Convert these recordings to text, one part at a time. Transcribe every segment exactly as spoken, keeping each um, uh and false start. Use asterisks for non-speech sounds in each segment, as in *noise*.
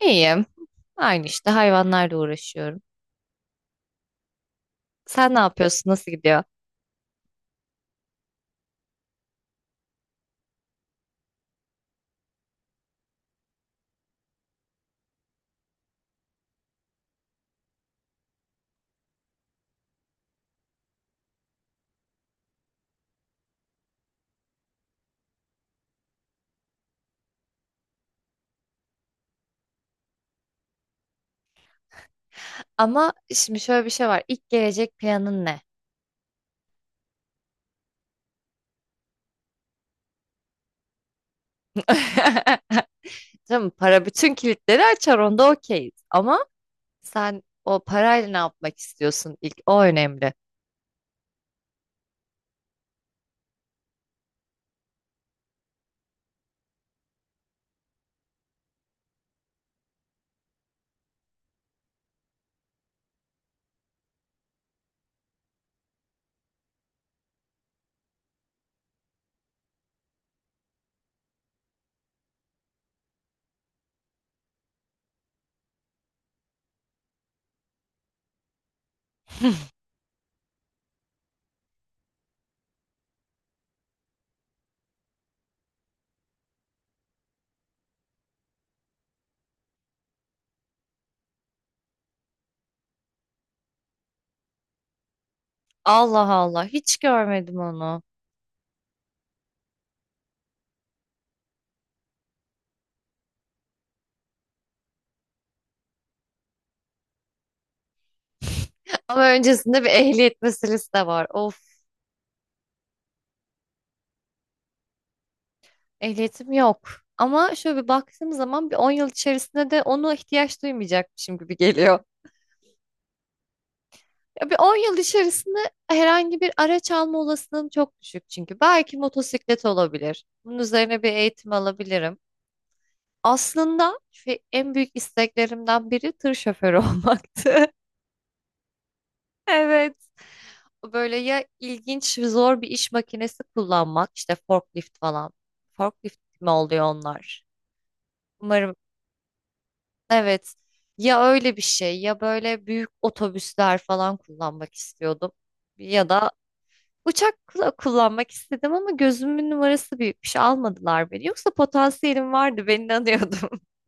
İyiyim. Aynı işte hayvanlarla uğraşıyorum. Sen ne yapıyorsun? Nasıl gidiyor? Ama şimdi şöyle bir şey var. İlk gelecek planın ne? *laughs* Tamam, para bütün kilitleri açar onda okeyiz. Ama sen o parayla ne yapmak istiyorsun ilk? O önemli. *laughs* Allah Allah hiç görmedim onu. Ama öncesinde bir ehliyet meselesi de var. Of, ehliyetim yok. Ama şöyle bir baktığım zaman bir on yıl içerisinde de onu ihtiyaç duymayacakmışım gibi geliyor. Ya bir on yıl içerisinde herhangi bir araç alma olasılığım çok düşük çünkü. Belki motosiklet olabilir. Bunun üzerine bir eğitim alabilirim. Aslında şu en büyük isteklerimden biri tır şoförü *laughs* olmaktı. Evet. Böyle ya ilginç, zor bir iş makinesi kullanmak, işte forklift falan. Forklift mi oluyor onlar? Umarım. Evet. Ya öyle bir şey ya böyle büyük otobüsler falan kullanmak istiyordum. Ya da uçakla kullanmak istedim ama gözümün numarası büyükmüş. Almadılar beni. Yoksa potansiyelim vardı. Ben inanıyordum. *laughs*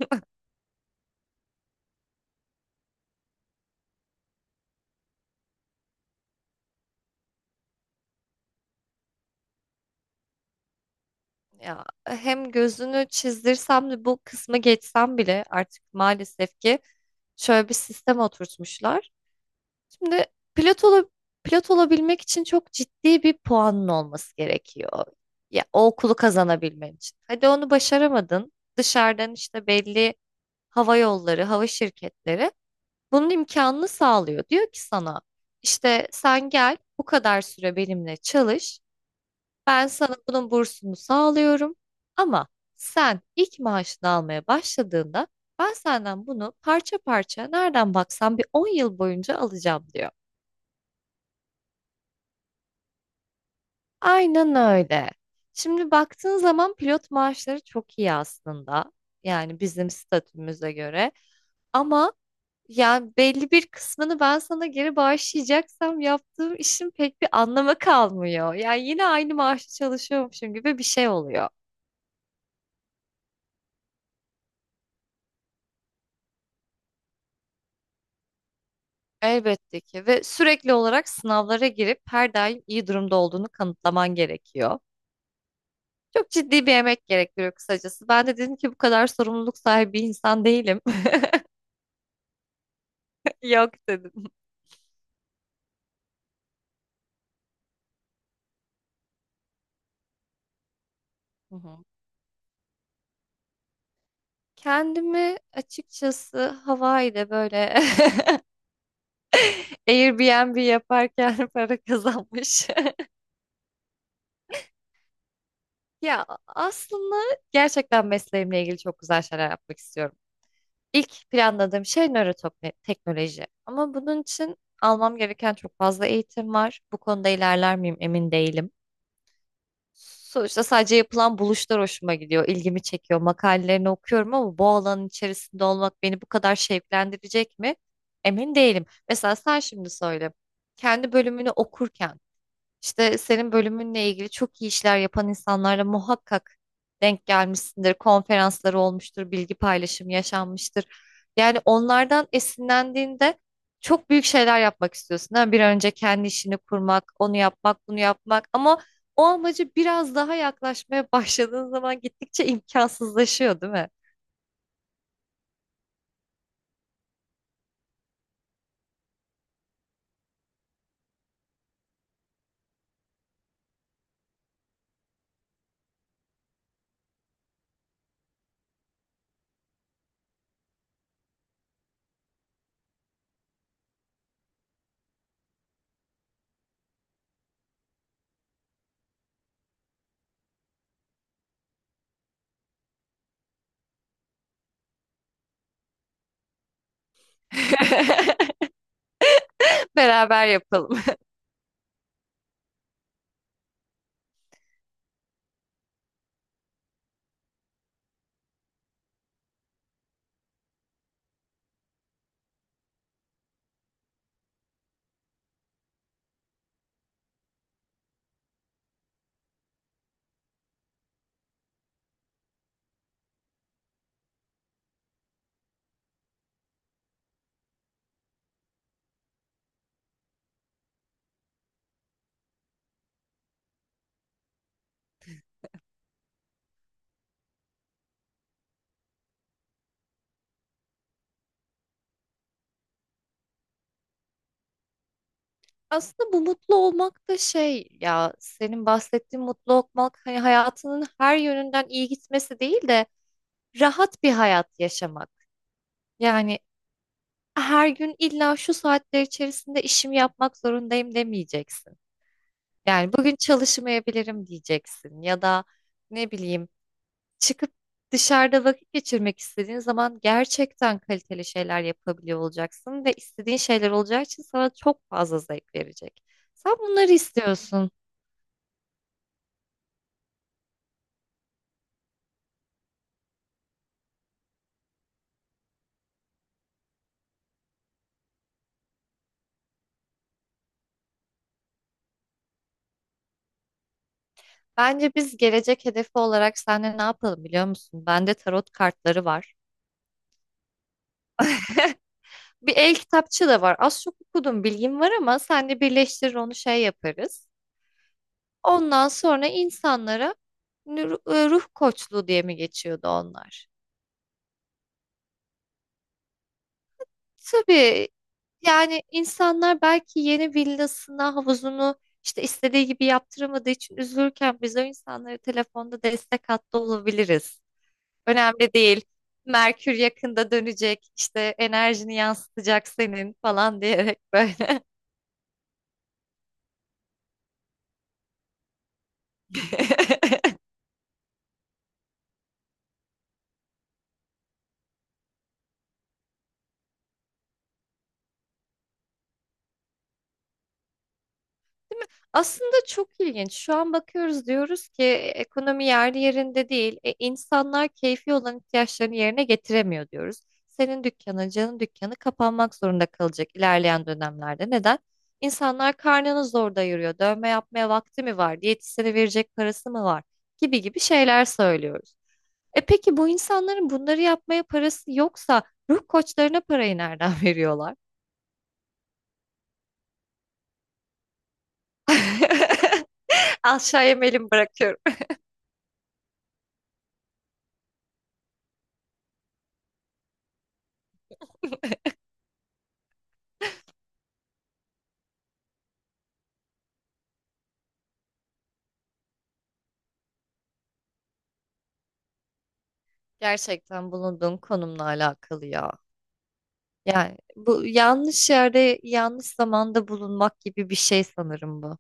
Ya hem gözünü çizdirsem de bu kısmı geçsem bile artık maalesef ki şöyle bir sistem oturtmuşlar. Şimdi pilot ola, pilot olabilmek için çok ciddi bir puanın olması gerekiyor. Ya o okulu kazanabilmen için. Hadi onu başaramadın. Dışarıdan işte belli hava yolları, hava şirketleri bunun imkanını sağlıyor. Diyor ki sana işte sen gel bu kadar süre benimle çalış. Ben sana bunun bursunu sağlıyorum. Ama sen ilk maaşını almaya başladığında ben senden bunu parça parça nereden baksan bir on yıl boyunca alacağım diyor. Aynen öyle. Şimdi baktığın zaman pilot maaşları çok iyi aslında. Yani bizim statümüze göre. Ama yani belli bir kısmını ben sana geri bağışlayacaksam yaptığım işin pek bir anlamı kalmıyor. Yani yine aynı maaşı çalışıyormuşum gibi bir şey oluyor. Elbette ki ve sürekli olarak sınavlara girip her daim iyi durumda olduğunu kanıtlaman gerekiyor. Çok ciddi bir emek gerektiriyor kısacası. Ben de dedim ki bu kadar sorumluluk sahibi bir insan değilim. *laughs* Yok dedim. Hı hı. Kendimi açıkçası Hawaii'de böyle *laughs* Airbnb yaparken *laughs* para kazanmış. *laughs* Ya aslında gerçekten mesleğimle ilgili çok güzel şeyler yapmak istiyorum. İlk planladığım şey nöroteknoloji. Ama bunun için almam gereken çok fazla eğitim var. Bu konuda ilerler miyim emin değilim. Sonuçta sadece yapılan buluşlar hoşuma gidiyor, ilgimi çekiyor. Makalelerini okuyorum ama bu alanın içerisinde olmak beni bu kadar şevklendirecek mi? Emin değilim. Mesela sen şimdi söyle. Kendi bölümünü okurken işte senin bölümünle ilgili çok iyi işler yapan insanlarla muhakkak denk gelmişsindir. Konferansları olmuştur, bilgi paylaşımı yaşanmıştır. Yani onlardan esinlendiğinde çok büyük şeyler yapmak istiyorsun, değil mi? Bir an önce kendi işini kurmak, onu yapmak, bunu yapmak ama o amacı biraz daha yaklaşmaya *laughs* başladığın zaman gittikçe imkansızlaşıyor, değil mi? *laughs* Beraber yapalım. Aslında bu mutlu olmak da şey, ya senin bahsettiğin mutlu olmak hani hayatının her yönünden iyi gitmesi değil de rahat bir hayat yaşamak. Yani her gün illa şu saatler içerisinde işimi yapmak zorundayım demeyeceksin. Yani bugün çalışmayabilirim diyeceksin ya da ne bileyim çıkıp dışarıda vakit geçirmek istediğin zaman gerçekten kaliteli şeyler yapabiliyor olacaksın ve istediğin şeyler olacağı için sana çok fazla zevk verecek. Sen bunları istiyorsun. Bence biz gelecek hedefi olarak seninle ne yapalım biliyor musun? Bende tarot kartları var. Bir el kitapçı da var. Az çok okudum, bilgim var ama seninle birleştirir onu şey yaparız. Ondan sonra insanlara nü- e, ruh koçluğu diye mi geçiyordu onlar? Tabii yani insanlar belki yeni villasına havuzunu işte istediği gibi yaptıramadığı için üzülürken biz o insanlara telefonda destek hattı olabiliriz. Önemli değil. Merkür yakında dönecek, işte enerjini yansıtacak senin falan diyerek böyle. *laughs* Aslında çok ilginç. Şu an bakıyoruz diyoruz ki: "E, ekonomi yerli yerinde değil. E, insanlar keyfi olan ihtiyaçlarını yerine getiremiyor," diyoruz. Senin dükkanın, canın dükkanı kapanmak zorunda kalacak ilerleyen dönemlerde. Neden? İnsanlar karnını zor doyuruyor. Dövme yapmaya vakti mi var? Diyetisyene verecek parası mı var? Gibi gibi şeyler söylüyoruz. E peki bu insanların bunları yapmaya parası yoksa ruh koçlarına parayı nereden veriyorlar? *laughs* Aşağıya melim bırakıyorum. *laughs* Gerçekten bulunduğun konumla alakalı ya. Yani bu yanlış yerde yanlış zamanda bulunmak gibi bir şey sanırım bu.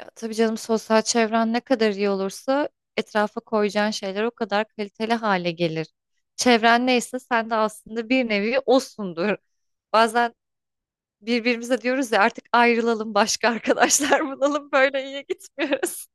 Ya tabii canım, sosyal çevren ne kadar iyi olursa etrafa koyacağın şeyler o kadar kaliteli hale gelir. Çevren neyse sen de aslında bir nevi osundur. Bazen birbirimize diyoruz ya artık ayrılalım, başka *laughs* arkadaşlar bulalım, böyle iyi gitmiyoruz.